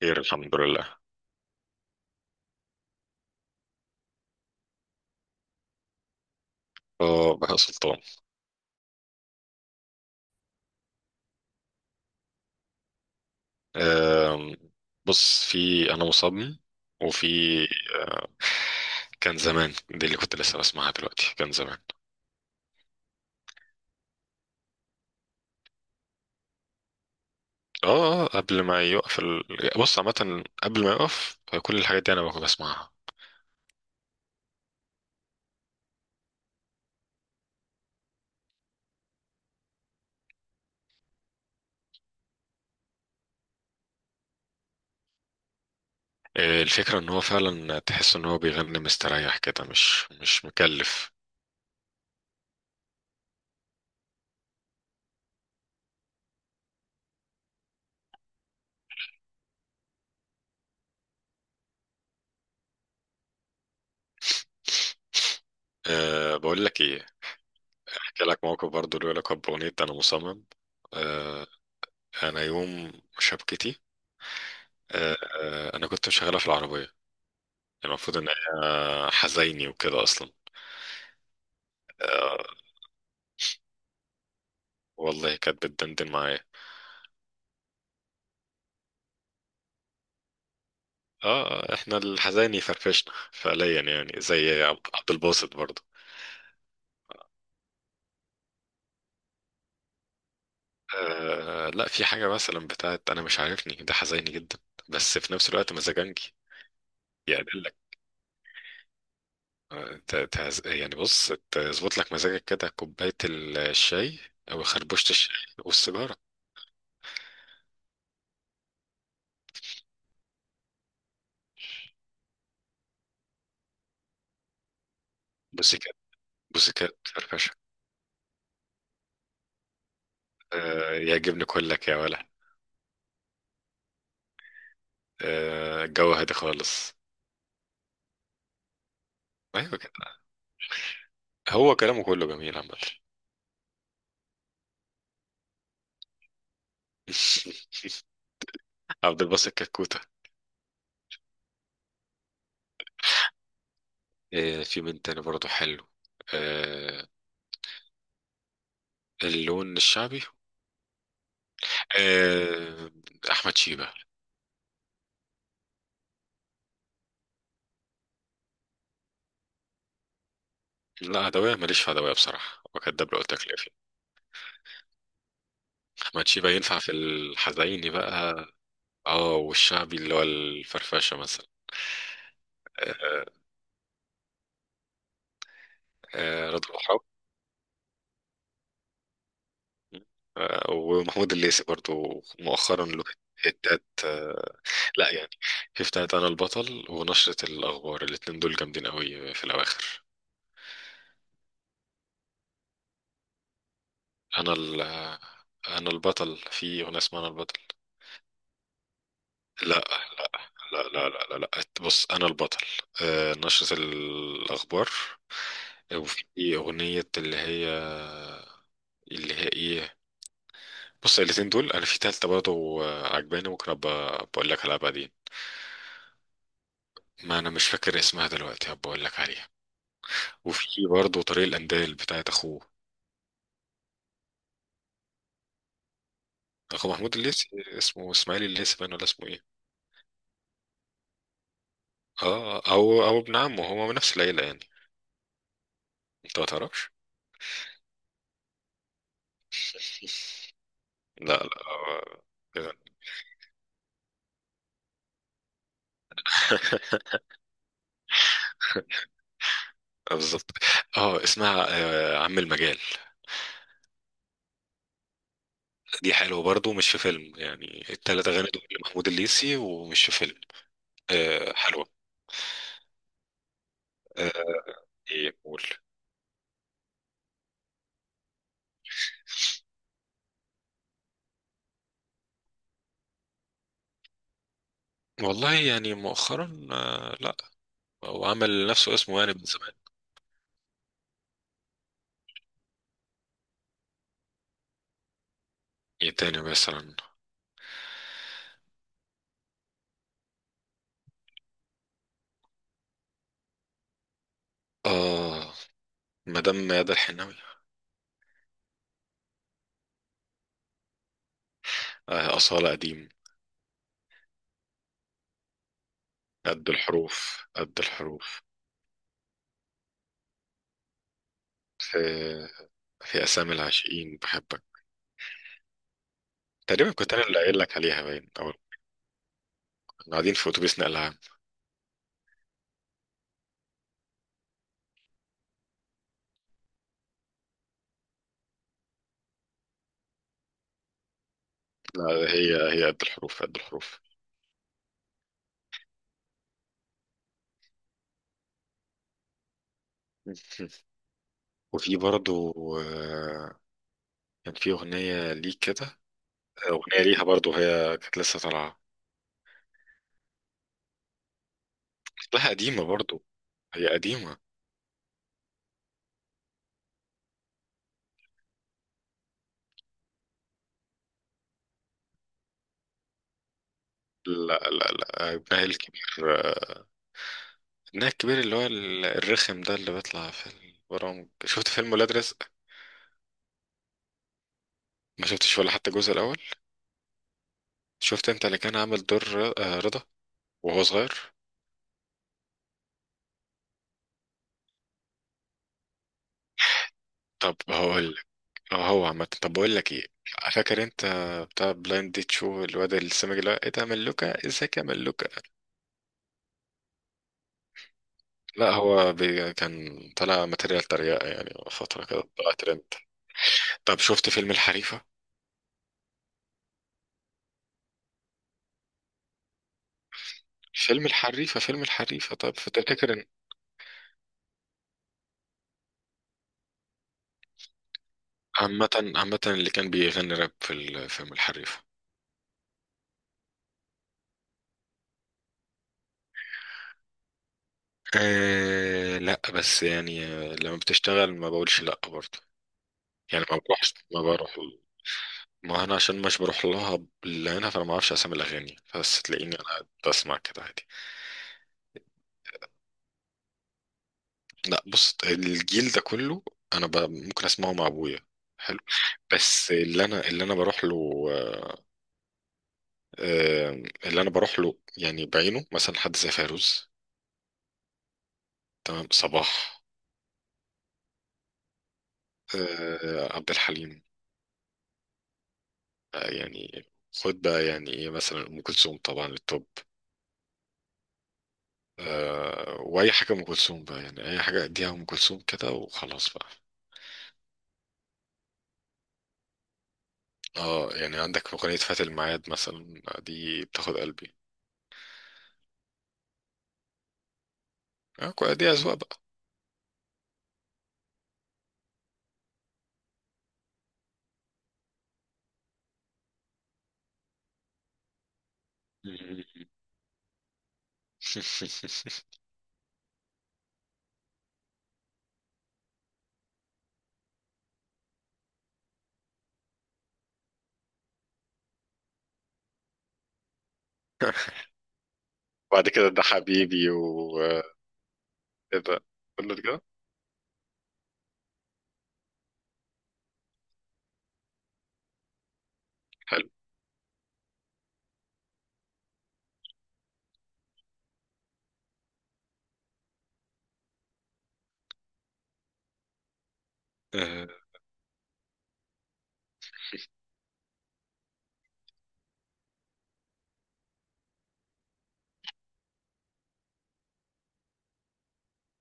خير الحمد لله. اه بهاء سلطان. آم، بص، في انا مصمم، وفي آه، كان زمان. دي اللي كنت لسه بسمعها دلوقتي، كان زمان. قبل ما يوقف بص، عامة قبل ما يوقف كل الحاجات دي انا بكون بسمعها. الفكرة ان هو فعلا تحس ان هو بيغني مستريح كده، مش مكلف. أه، بقول لك ايه، احكي لك موقف برضو له علاقة بأغنية انا مصمم. أه، انا يوم شبكتي، انا كنت مشغلها في العربيه يعني. المفروض ان هي حزيني وكده اصلا. آه، والله كانت بتدندن معايا. احنا الحزيني فرفشنا فعليا، يعني زي عبد الباسط برضه. آه لا، في حاجه مثلا بتاعت انا مش عارفني، ده حزيني جدا، بس في نفس الوقت مزاجنجي، يعدل لك. تهز... يعني بص، تظبط لك مزاجك كده، كوبايه الشاي او خربوشه الشاي والسيجاره. بوسيكات، بوسيكات فرفشه. آه، يعجبني كلك يا ولد. الجو هادي خالص. ايوه كده. هو كلامه كله جميل عامة. عبد الباسط كتكوتة. في من تاني برضه حلو. آه، اللون الشعبي. آه، احمد شيبة. لا، عدوية ماليش في عدوية بصراحة، وكداب لو قلت لك لا فيه. احمد شيبة ينفع في الحزيني بقى. اه، والشعبي اللي هو الفرفشة مثلا. آه، رضا البحراوي. ومحمود الليثي برضه مؤخرا له حتات. لا يعني، في بتاعة أنا البطل ونشرة الأخبار، الاتنين دول جامدين قوي في الأواخر. أنا ال أنا البطل، في أغنية اسمها أنا البطل. لا لا لا. بص، أنا البطل، نشرة الأخبار، وفي أغنية اللي هي، اللي هي إيه بص الاتنين دول. أنا في تالتة برضه عجباني، ممكن أبقى بقول لك عليها بعدين، ما أنا مش فاكر اسمها دلوقتي، هبقى أقول لك عليها. وفي برضه طريق الأندال بتاعت أخوه، اخو محمود الليثي، اسمه اسماعيل الليثي باين ولا اسمه ايه. اه، او او ابن عمه، هما من نفس العيله يعني، انت ما تعرفش. لا لا آه، كده، بالظبط. اه اسمها عم المجال. دي حلوه برضو، مش في فيلم. يعني التلات اغاني دول لمحمود الليثي ومش في فيلم. آه حلوه. آه، ايه قول. والله يعني مؤخرا، آه لا، هو عمل لنفسه اسمه يعني من زمان. ايه تاني مثلا. اه، مدام ميادة الحناوي. آه، أصالة قديم. قد الحروف، قد الحروف. في، في أسامي العاشقين بحبك. تقريبا كنت أنا اللي قايل لك عليها باين، أو كنا قاعدين في أتوبيس نقل عام. لا، هي قد الحروف، قد الحروف. وفي برضو آه، كان في أغنية ليه كده، أغنية ليها برضو، هي كانت لسه طالعة. لها قديمة برضو، هي قديمة. لا. ابنها الكبير، ابنها الكبير اللي هو الرخم ده، اللي بيطلع في البرامج. شفت فيلم ولاد رزق؟ ما شفتش ولا حتى الجزء الأول؟ شفت أنت اللي كان عامل دور رضا وهو صغير. طب هقول، اه، هو عامة، طب بقول لك ايه، فاكر انت بتاع بلايند ديت شو، الواد السمج ده، ايه ده، ملوكة، ازيك يا ملوكة؟ لا هو بي كان طلع ماتيريال تريقة يعني، فترة كده طلع ترند. طب شفت فيلم الحريفة؟ فيلم الحريفة، فيلم الحريفة، طب فتفتكر ان، عامة عامة اللي كان بيغني راب في فيلم الحريفة. آه لا، بس يعني لما بتشتغل ما بقولش لا برضه، يعني ما بروحش، ما بروح. ما انا عشان مش بروح لها باللي هنا، فانا ما اعرفش اسامي الاغاني، بس تلاقيني انا قاعد بسمع كده عادي. لا بص، الجيل ده كله انا ممكن اسمعه مع ابويا. حلو، بس اللي انا، اللي انا بروح له آه، اللي انا بروح له يعني بعينه، مثلا حد زي فيروز، تمام، صباح، عبد الحليم، يعني خد بقى، يعني ايه مثلا، ام كلثوم طبعا التوب. واي حاجه ام كلثوم بقى، يعني اي حاجه اديها ام كلثوم كده وخلاص بقى. اه، يعني عندك أغنية فات الميعاد مثلا، دي بتاخد قلبي. اه، دي أذواق بقى. بعد كده ده حبيبي وكده، كله كده. حلو. آه،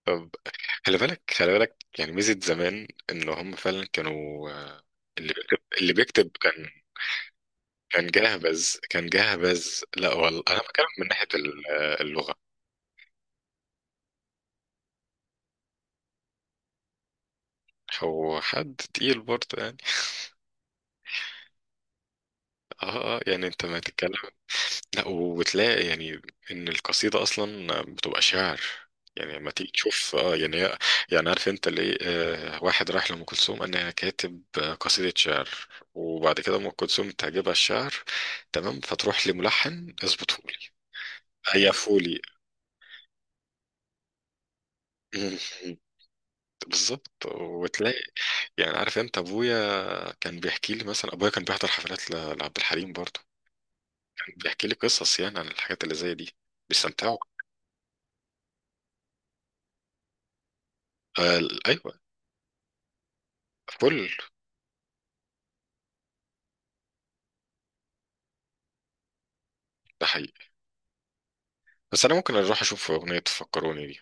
طب، خلي بالك، خلي بالك، يعني ميزة زمان، ان هم فعلا كانوا اللي بيكتب، اللي بيكتب كان، كان جاهز، كان جاهز. لا والله، انا بتكلم من ناحية اللغة. هو حد تقيل برضه يعني. يعني انت ما تتكلم. لا، وبتلاقي يعني ان القصيده اصلا بتبقى شعر. يعني لما تيجي تشوف، اه يعني يعني عارف انت ليه، آه، واحد راح لام كلثوم قال انا كاتب قصيده شعر. وبعد كده ام كلثوم تعجبها الشعر، تمام، فتروح لملحن اظبطه لي، هيفوا لي. بالظبط. وتلاقي يعني عارف انت ابويا، كان بيحكي لي مثلا، ابويا كان بيحضر حفلات لعبد الحليم برضه، كان بيحكي لي قصص يعني عن الحاجات اللي زي دي، بيستمتعوا. آه ايوه، فل. ده حقيقي. بس انا ممكن اروح اشوف اغنية فكروني دي.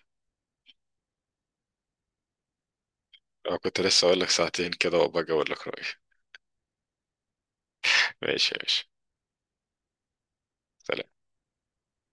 انا كنت لسه اقول لك ساعتين كده وابقى اقول لك رأيي. ماشي يا باشا. سلام.